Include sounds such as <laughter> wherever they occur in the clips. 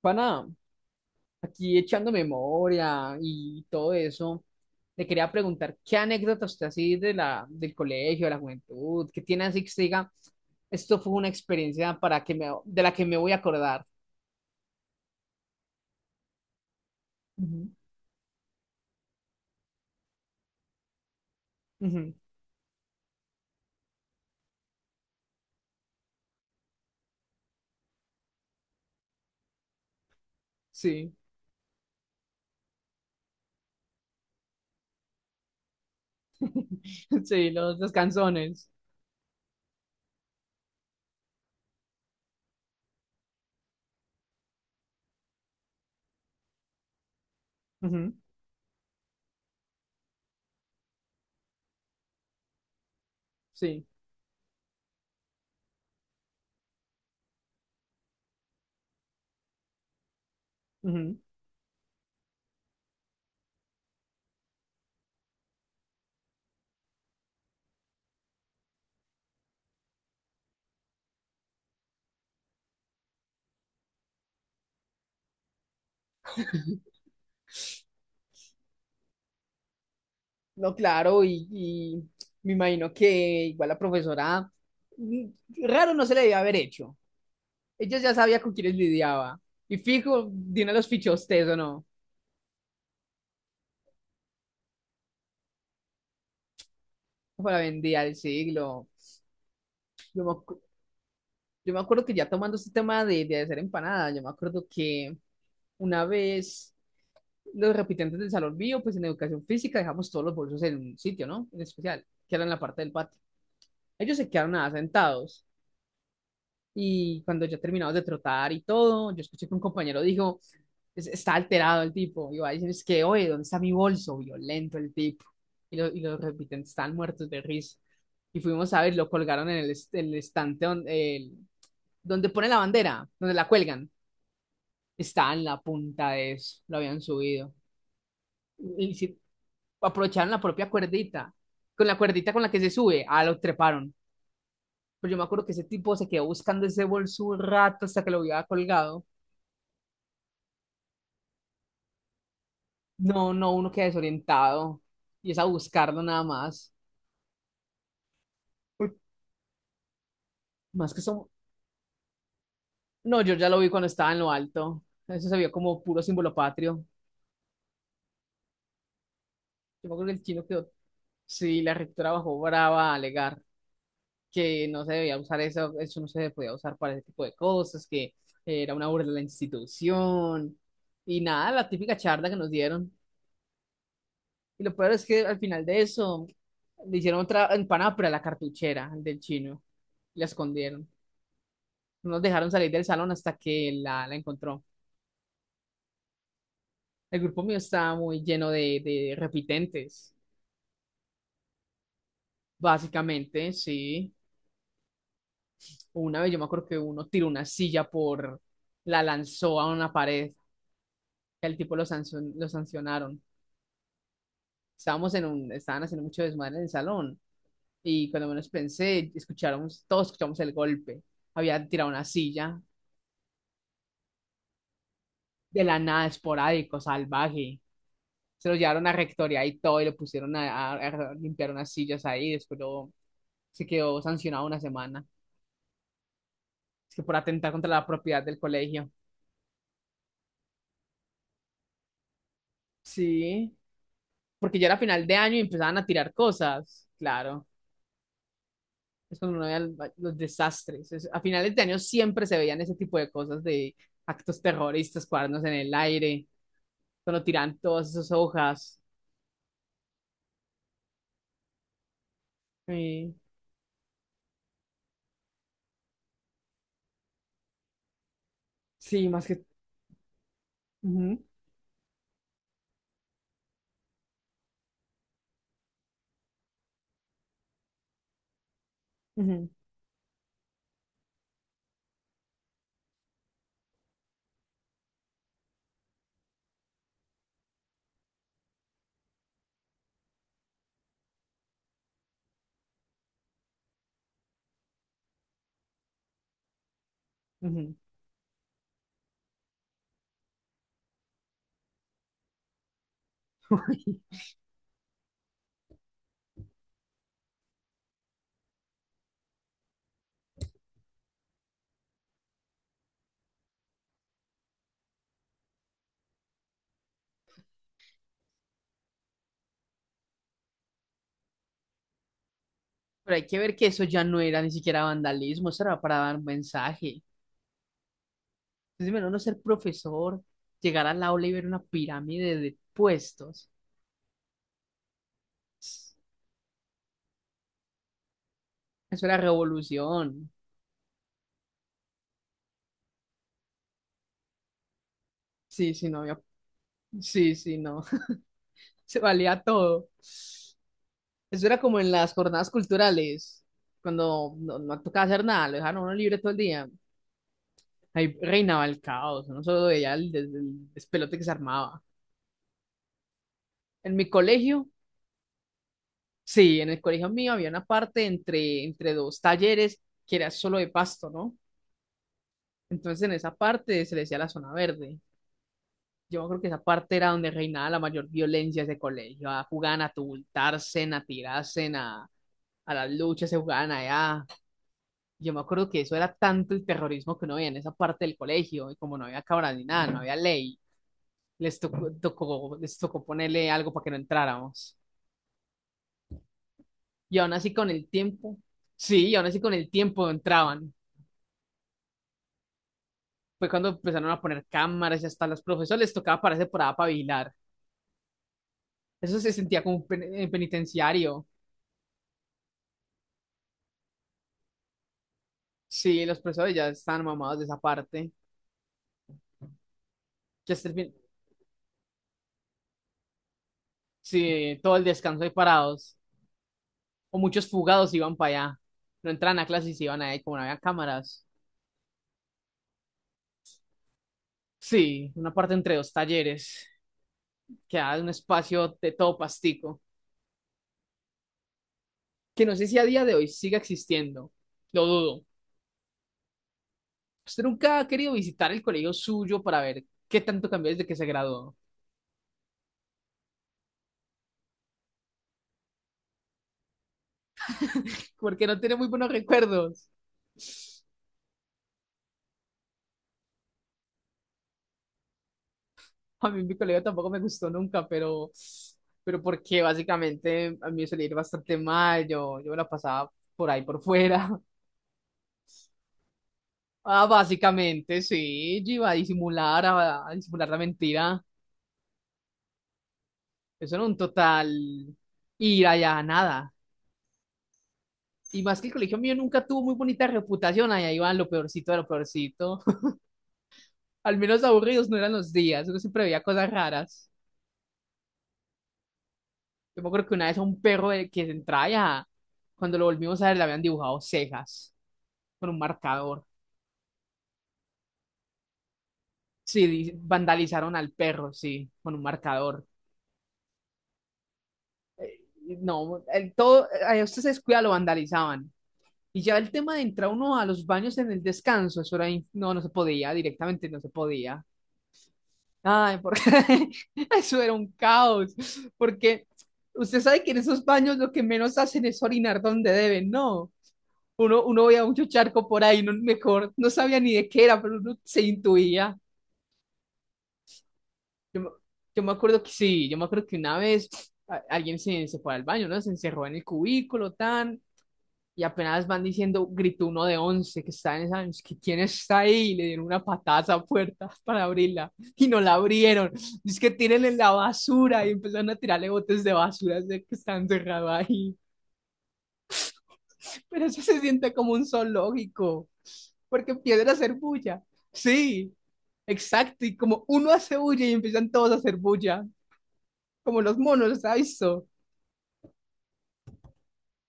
Pana, aquí echando memoria y todo eso, le quería preguntar qué anécdotas usted así del colegio, de la juventud, qué tiene así que se diga, esto fue una experiencia de la que me voy a acordar. Ujú. Ujú. Sí. <laughs> Sí, los canzones. Ujú. Sí. Ujú. No, claro, y me imagino que igual la profesora, mm, raro no se le debe haber hecho. Ella ya sabía con quiénes lidiaba. Y fijo, Dina los fichó a usted o no. Para vendía el siglo. Yo me, acu- yo me acuerdo que ya tomando este tema de hacer empanadas, yo me acuerdo que una vez los repitentes del salón bio, pues en educación física dejamos todos los bolsos en un sitio, ¿no? En especial, que era en la parte del patio. Ellos se quedaron nada sentados. Y cuando ya terminamos de trotar y todo, yo escuché que un compañero dijo, Está alterado el tipo. Y va a decir, es que, oye, ¿dónde está mi bolso? Violento el tipo. Y los repitentes están muertos de risa. Y fuimos a ver, lo colgaron en el estante donde pone la bandera, donde la cuelgan. Estaba en la punta de eso, lo habían subido. Y, si aprovecharon la propia cuerdita con la que se sube, lo treparon. Pues yo me acuerdo que ese tipo se quedó buscando ese bolso un rato hasta que lo había colgado. No, no, uno queda desorientado. Y es a buscarlo nada más. Uy, más que son... No, yo ya lo vi cuando estaba en lo alto. Eso se vio como puro símbolo patrio. Yo me acuerdo que el chino quedó... Sí, la rectora bajó brava a alegar que no se debía usar eso, eso no se podía usar para ese tipo de cosas, que era una burla de la institución. Y nada, la típica charla que nos dieron. Y lo peor es que al final de eso le hicieron otra empanada, pero a la cartuchera del chino. La escondieron. No nos dejaron salir del salón hasta que la encontró. El grupo mío estaba muy lleno de repitentes, básicamente, sí. Una vez yo me acuerdo que uno tiró una silla la lanzó a una pared. El tipo lo sancionaron. Estábamos estaban haciendo mucho desmadre en el salón. Y cuando menos pensé, todos escuchamos el golpe. Había tirado una silla de la nada, esporádico, salvaje. Se lo llevaron a rectoría y todo, y lo pusieron a limpiar unas sillas ahí, se quedó sancionado una semana. Es que por atentar contra la propiedad del colegio. Sí, porque ya era final de año y empezaban a tirar cosas, claro. Es cuando uno veía los desastres. A finales de año siempre se veían ese tipo de cosas de actos terroristas, cuadernos en el aire, cuando tiran todas esas hojas. Sí, sí, más que... Ujú. Ujú. Ujú. <laughs> Pero hay que ver que eso ya no era ni siquiera vandalismo, eso era para dar un mensaje. Entonces, bueno, no ser profesor, llegar al aula y ver una pirámide de puestos. <sniffs> Eso era revolución. Sí, sí, no había. Sí, sí, no. <laughs> Se valía todo. Eso era como en las jornadas culturales, cuando no tocaba hacer nada, lo dejaron a uno libre todo el día. Ahí reinaba el caos, no solo veía el despelote que se armaba. En mi colegio Sí, en el colegio mío había una parte entre dos talleres que era solo de pasto, ¿no? Entonces en esa parte se le decía la zona verde. Yo creo que esa parte era donde reinaba la mayor violencia de ese colegio. Ah, jugaban a tumultarse, a tirarse, a las luchas, se jugaban allá. Yo me acuerdo que eso era tanto el terrorismo que no había en esa parte del colegio. Y como no había cámara ni nada, no había ley, les tocó ponerle algo para que no entráramos. Y aún así con el tiempo, Sí, y aún así con el tiempo entraban. Fue cuando empezaron a poner cámaras y hasta a los profesores les tocaba pararse por allá para vigilar. Eso se sentía como un en penitenciario. Sí, los profesores ya están mamados de esa parte. Ya hasta el fin- sí, todo el descanso ahí parados. O muchos fugados iban para allá. No entran a clases y se iban ahí como no había cámaras. Sí, una parte entre dos talleres. Quedaba un espacio de todo pastico. Que no sé si a día de hoy siga existiendo. Lo dudo. ¿Usted nunca ha querido visitar el colegio suyo para ver qué tanto cambió desde que se graduó? <laughs> Porque no tiene muy buenos recuerdos. A mí mi colegio tampoco me gustó nunca, pero, porque básicamente a mí me solía ir bastante mal, yo me la pasaba por ahí por fuera. <laughs> Ah, básicamente, sí, yo iba a disimular, a disimular la mentira. Eso era un total ir allá a nada. Y más que el colegio mío nunca tuvo muy bonita reputación, allá iban lo peorcito de lo peorcito. <laughs> Al menos aburridos no eran los días, uno siempre veía cosas raras. Yo me acuerdo que una vez a un perro que entraba ya, cuando lo volvimos a ver, le habían dibujado cejas con un marcador. Sí, vandalizaron al perro, sí, con un marcador. Y no, todo, a usted se descuida, lo vandalizaban. Y ya el tema de entrar uno a los baños en el descanso, eso era, no, no se podía, directamente no se podía. Ay, porque <laughs> eso era un caos, porque usted sabe que en esos baños lo que menos hacen es orinar donde deben, ¿no? Uno veía mucho charco por ahí, no, mejor, no sabía ni de qué era, pero uno se intuía. Yo, me- yo me acuerdo que sí, yo me acuerdo que una vez alguien se fue al baño, ¿no? Se encerró en el cubículo, tan, y apenas van diciendo, gritó uno de 11 que es que quién está ahí, y le dieron una patada a esa puerta <laughs> para abrirla, y no la abrieron. Es que tírenle la basura, y empezaron a tirarle botes de basura, de que están encerrado ahí. Pero eso se siente como un zoológico, porque empiezan a hacer bulla. Sí, exacto. Y como uno hace bulla y empiezan todos a hacer bulla, como los monos, ¿sabes? Eso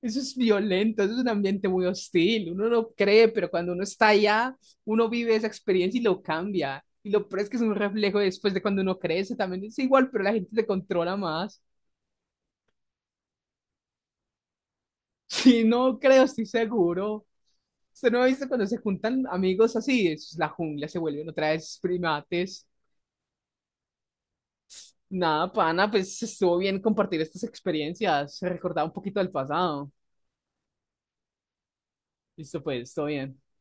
Eso es violento, eso es un ambiente muy hostil. Uno no cree, pero cuando uno está allá, uno vive esa experiencia y lo cambia. Y lo peor es que es un reflejo después de cuando uno crece, también es igual, pero la gente te controla más. <laughs> Sí, no creo, estoy seguro. Usted no ha visto cuando se juntan amigos así. Eso es la jungla, se vuelven otra vez primates. Nada, pana, pues estuvo bien compartir estas experiencias, recordar un poquito del pasado. Listo, pues, todo bien.